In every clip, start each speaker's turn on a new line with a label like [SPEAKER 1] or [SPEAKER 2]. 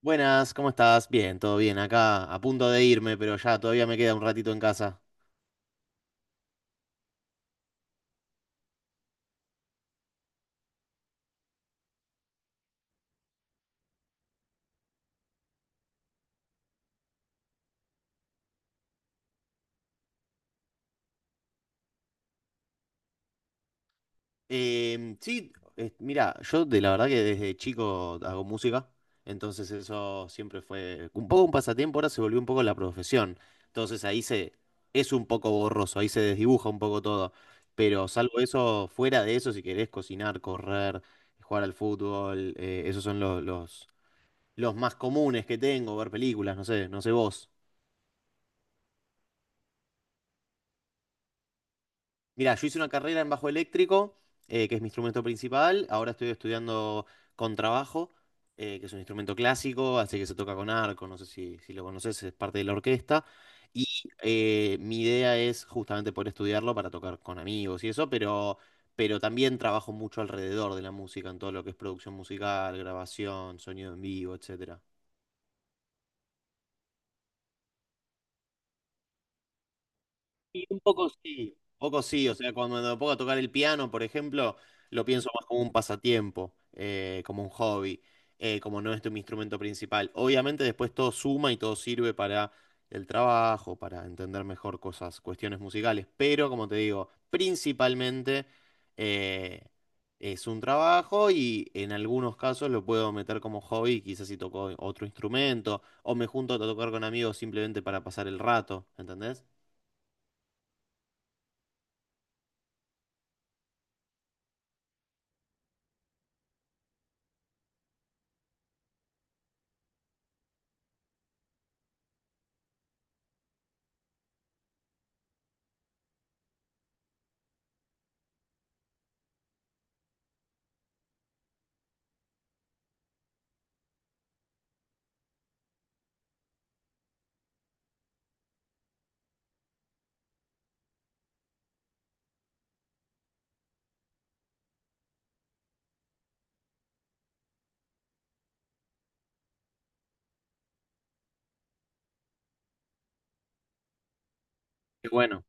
[SPEAKER 1] Buenas, ¿cómo estás? Bien, todo bien. Acá a punto de irme, pero ya todavía me queda un ratito en casa. Mira, yo de la verdad que desde chico hago música, entonces eso siempre fue un poco un pasatiempo, ahora se volvió un poco la profesión. Entonces ahí se Es un poco borroso, ahí se desdibuja un poco todo. Pero salvo eso, fuera de eso, si querés cocinar, correr, jugar al fútbol, esos son los más comunes que tengo, ver películas, no sé, no sé vos. Mira, yo hice una carrera en bajo eléctrico, que es mi instrumento principal. Ahora estoy estudiando contrabajo, que es un instrumento clásico, así que se toca con arco. No sé si lo conoces, es parte de la orquesta. Y Mi idea es justamente poder estudiarlo para tocar con amigos y eso, pero también trabajo mucho alrededor de la música, en todo lo que es producción musical, grabación, sonido en vivo, etcétera. Y un poco sí, o sea, cuando me pongo a tocar el piano, por ejemplo, lo pienso más como un pasatiempo, como un hobby, como no es mi instrumento principal. Obviamente después todo suma y todo sirve para el trabajo, para entender mejor cosas, cuestiones musicales, pero como te digo, principalmente eh, es un trabajo y en algunos casos lo puedo meter como hobby, quizás si toco otro instrumento, o me junto a tocar con amigos simplemente para pasar el rato, ¿entendés? Qué bueno.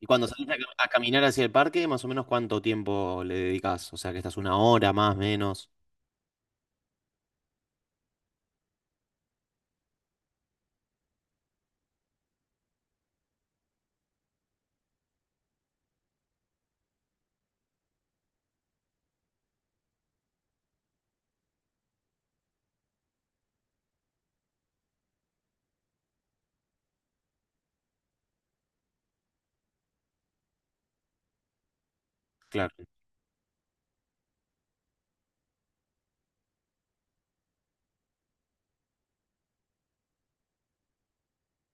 [SPEAKER 1] Y cuando salís a caminar hacia el parque, más o menos ¿cuánto tiempo le dedicas? O sea, ¿que estás una hora más, menos? Claro.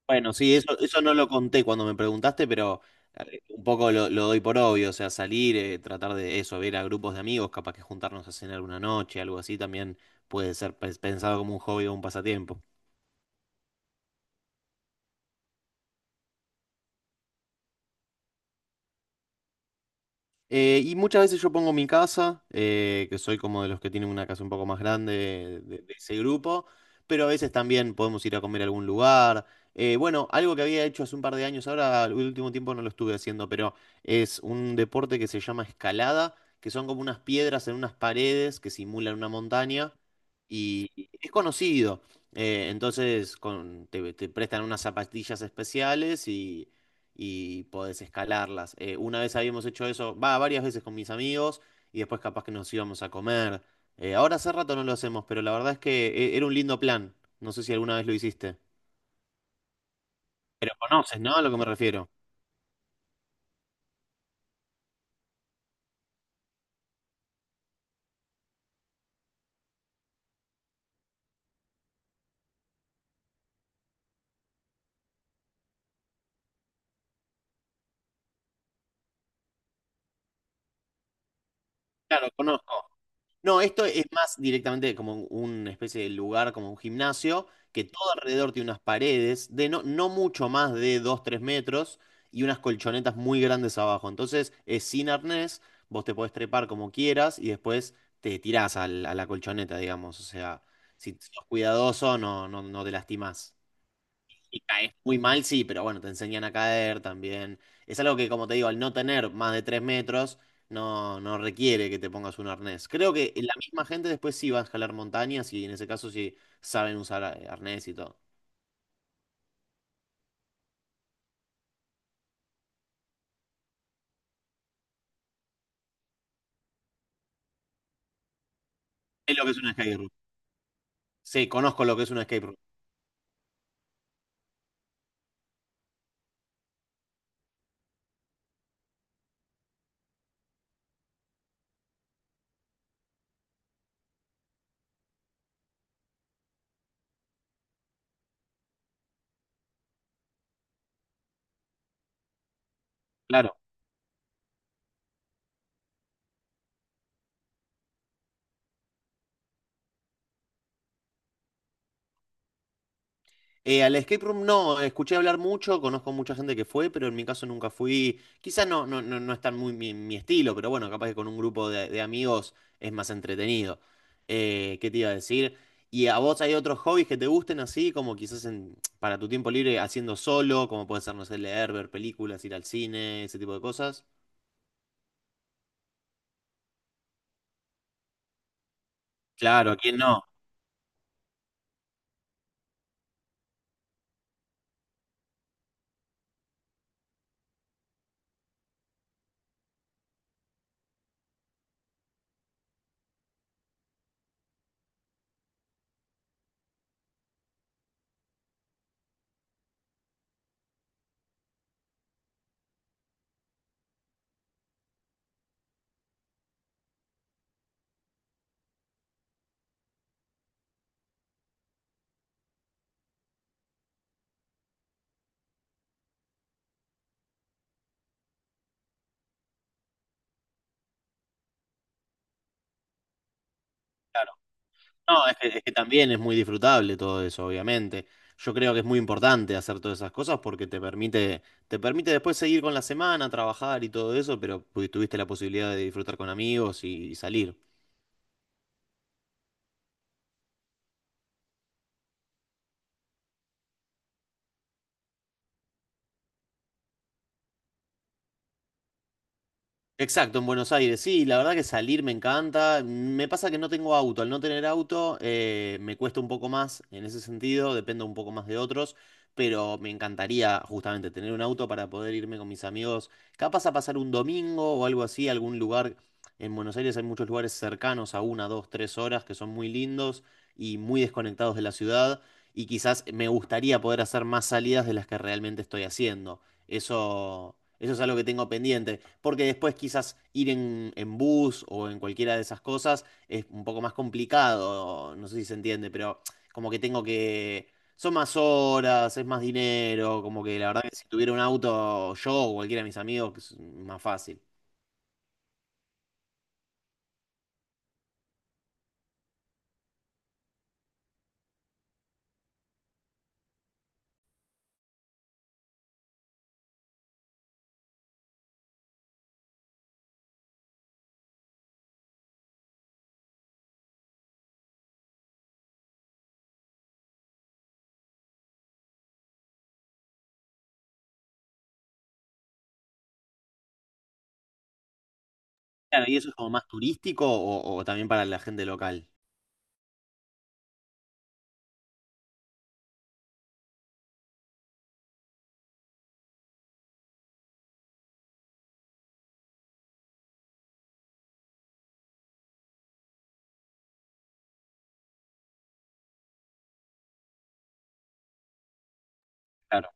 [SPEAKER 1] Bueno, sí, eso no lo conté cuando me preguntaste, pero un poco lo doy por obvio, o sea, salir, tratar de eso, ver a grupos de amigos, capaz que juntarnos a cenar una noche, algo así, también puede ser pensado como un hobby o un pasatiempo. Y muchas veces yo pongo mi casa, que soy como de los que tienen una casa un poco más grande de ese grupo, pero a veces también podemos ir a comer a algún lugar. Bueno, algo que había hecho hace un par de años, ahora el último tiempo no lo estuve haciendo, pero es un deporte que se llama escalada, que son como unas piedras en unas paredes que simulan una montaña y es conocido. Entonces te prestan unas zapatillas especiales y podés escalarlas. Una vez habíamos hecho eso, varias veces con mis amigos y después capaz que nos íbamos a comer. Ahora hace rato no lo hacemos, pero la verdad es que era un lindo plan. No sé si alguna vez lo hiciste. Pero conoces, ¿no? A lo que me refiero. Claro, conozco. No, esto es más directamente como una especie de lugar, como un gimnasio, que todo alrededor tiene unas paredes de no mucho más de dos tres metros y unas colchonetas muy grandes abajo. Entonces es sin arnés, vos te podés trepar como quieras y después te tirás a la colchoneta, digamos. O sea, si sos cuidadoso, no, no, no te lastimás. Y caes muy mal, sí, pero bueno, te enseñan a caer también. Es algo que, como te digo, al no tener más de tres metros, no requiere que te pongas un arnés. Creo que la misma gente después sí va a escalar montañas y en ese caso sí saben usar arnés y todo. ¿Es lo que es un escape room? Sí, conozco lo que es un escape room. Claro. Al escape room no, escuché hablar mucho, conozco mucha gente que fue, pero en mi caso nunca fui. Quizás no es tan muy mi estilo, pero bueno, capaz que con un grupo de amigos es más entretenido. ¿Qué te iba a decir? ¿Y a vos hay otros hobbies que te gusten así, como quizás en, para tu tiempo libre haciendo solo, como puede ser, no sé, leer, ver películas, ir al cine, ese tipo de cosas? Claro, ¿quién no? No, es que también es muy disfrutable todo eso, obviamente. Yo creo que es muy importante hacer todas esas cosas porque te permite después seguir con la semana, trabajar y todo eso, pero tuviste la posibilidad de disfrutar con amigos y salir. Exacto, en Buenos Aires, sí, la verdad que salir me encanta. Mm, me pasa que no tengo auto, al no tener auto me cuesta un poco más en ese sentido, dependo un poco más de otros, pero me encantaría justamente tener un auto para poder irme con mis amigos, capaz a pasar un domingo o algo así, algún lugar. En Buenos Aires hay muchos lugares cercanos a una, dos, tres horas que son muy lindos y muy desconectados de la ciudad y quizás me gustaría poder hacer más salidas de las que realmente estoy haciendo. Eso... Eso es algo que tengo pendiente, porque después quizás ir en bus o en cualquiera de esas cosas es un poco más complicado, no sé si se entiende, pero como que tengo que... Son más horas, es más dinero, como que la verdad que si tuviera un auto yo o cualquiera de mis amigos que es más fácil. Claro, y eso es como más turístico o también para la gente local. Claro.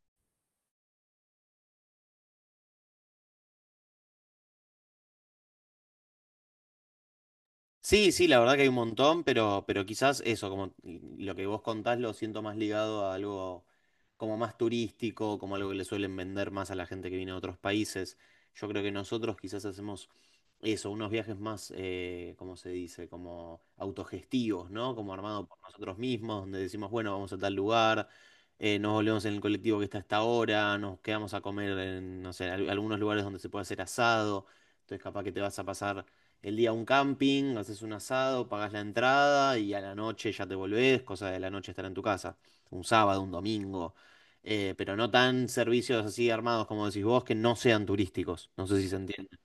[SPEAKER 1] Sí, sí, la verdad que hay un montón, pero quizás eso, como lo que vos contás, lo siento más ligado a algo como más turístico, como algo que le suelen vender más a la gente que viene de otros países. Yo creo que nosotros quizás hacemos eso, unos viajes más, ¿cómo se dice? Como autogestivos, ¿no? Como armados por nosotros mismos, donde decimos, bueno, vamos a tal lugar, nos volvemos en el colectivo que está a esta hora, nos quedamos a comer en, no sé, algunos lugares donde se puede hacer asado, entonces capaz que te vas a pasar el día un camping, haces un asado, pagas la entrada y a la noche ya te volvés, cosa de la noche estar en tu casa, un sábado, un domingo. Pero no tan servicios así armados como decís vos que no sean turísticos, no sé si se entiende.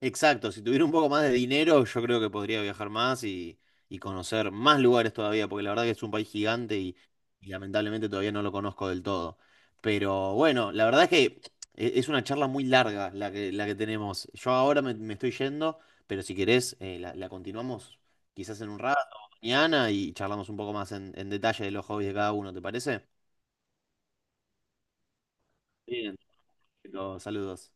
[SPEAKER 1] Exacto, si tuviera un poco más de dinero, yo creo que podría viajar más y conocer más lugares todavía, porque la verdad que es un país gigante y lamentablemente todavía no lo conozco del todo. Pero bueno, la verdad es que es una charla muy larga la que tenemos. Yo ahora me estoy yendo, pero si querés, la continuamos quizás en un rato, mañana, y charlamos un poco más en detalle de los hobbies de cada uno, ¿te parece? Bien, perfecto, saludos.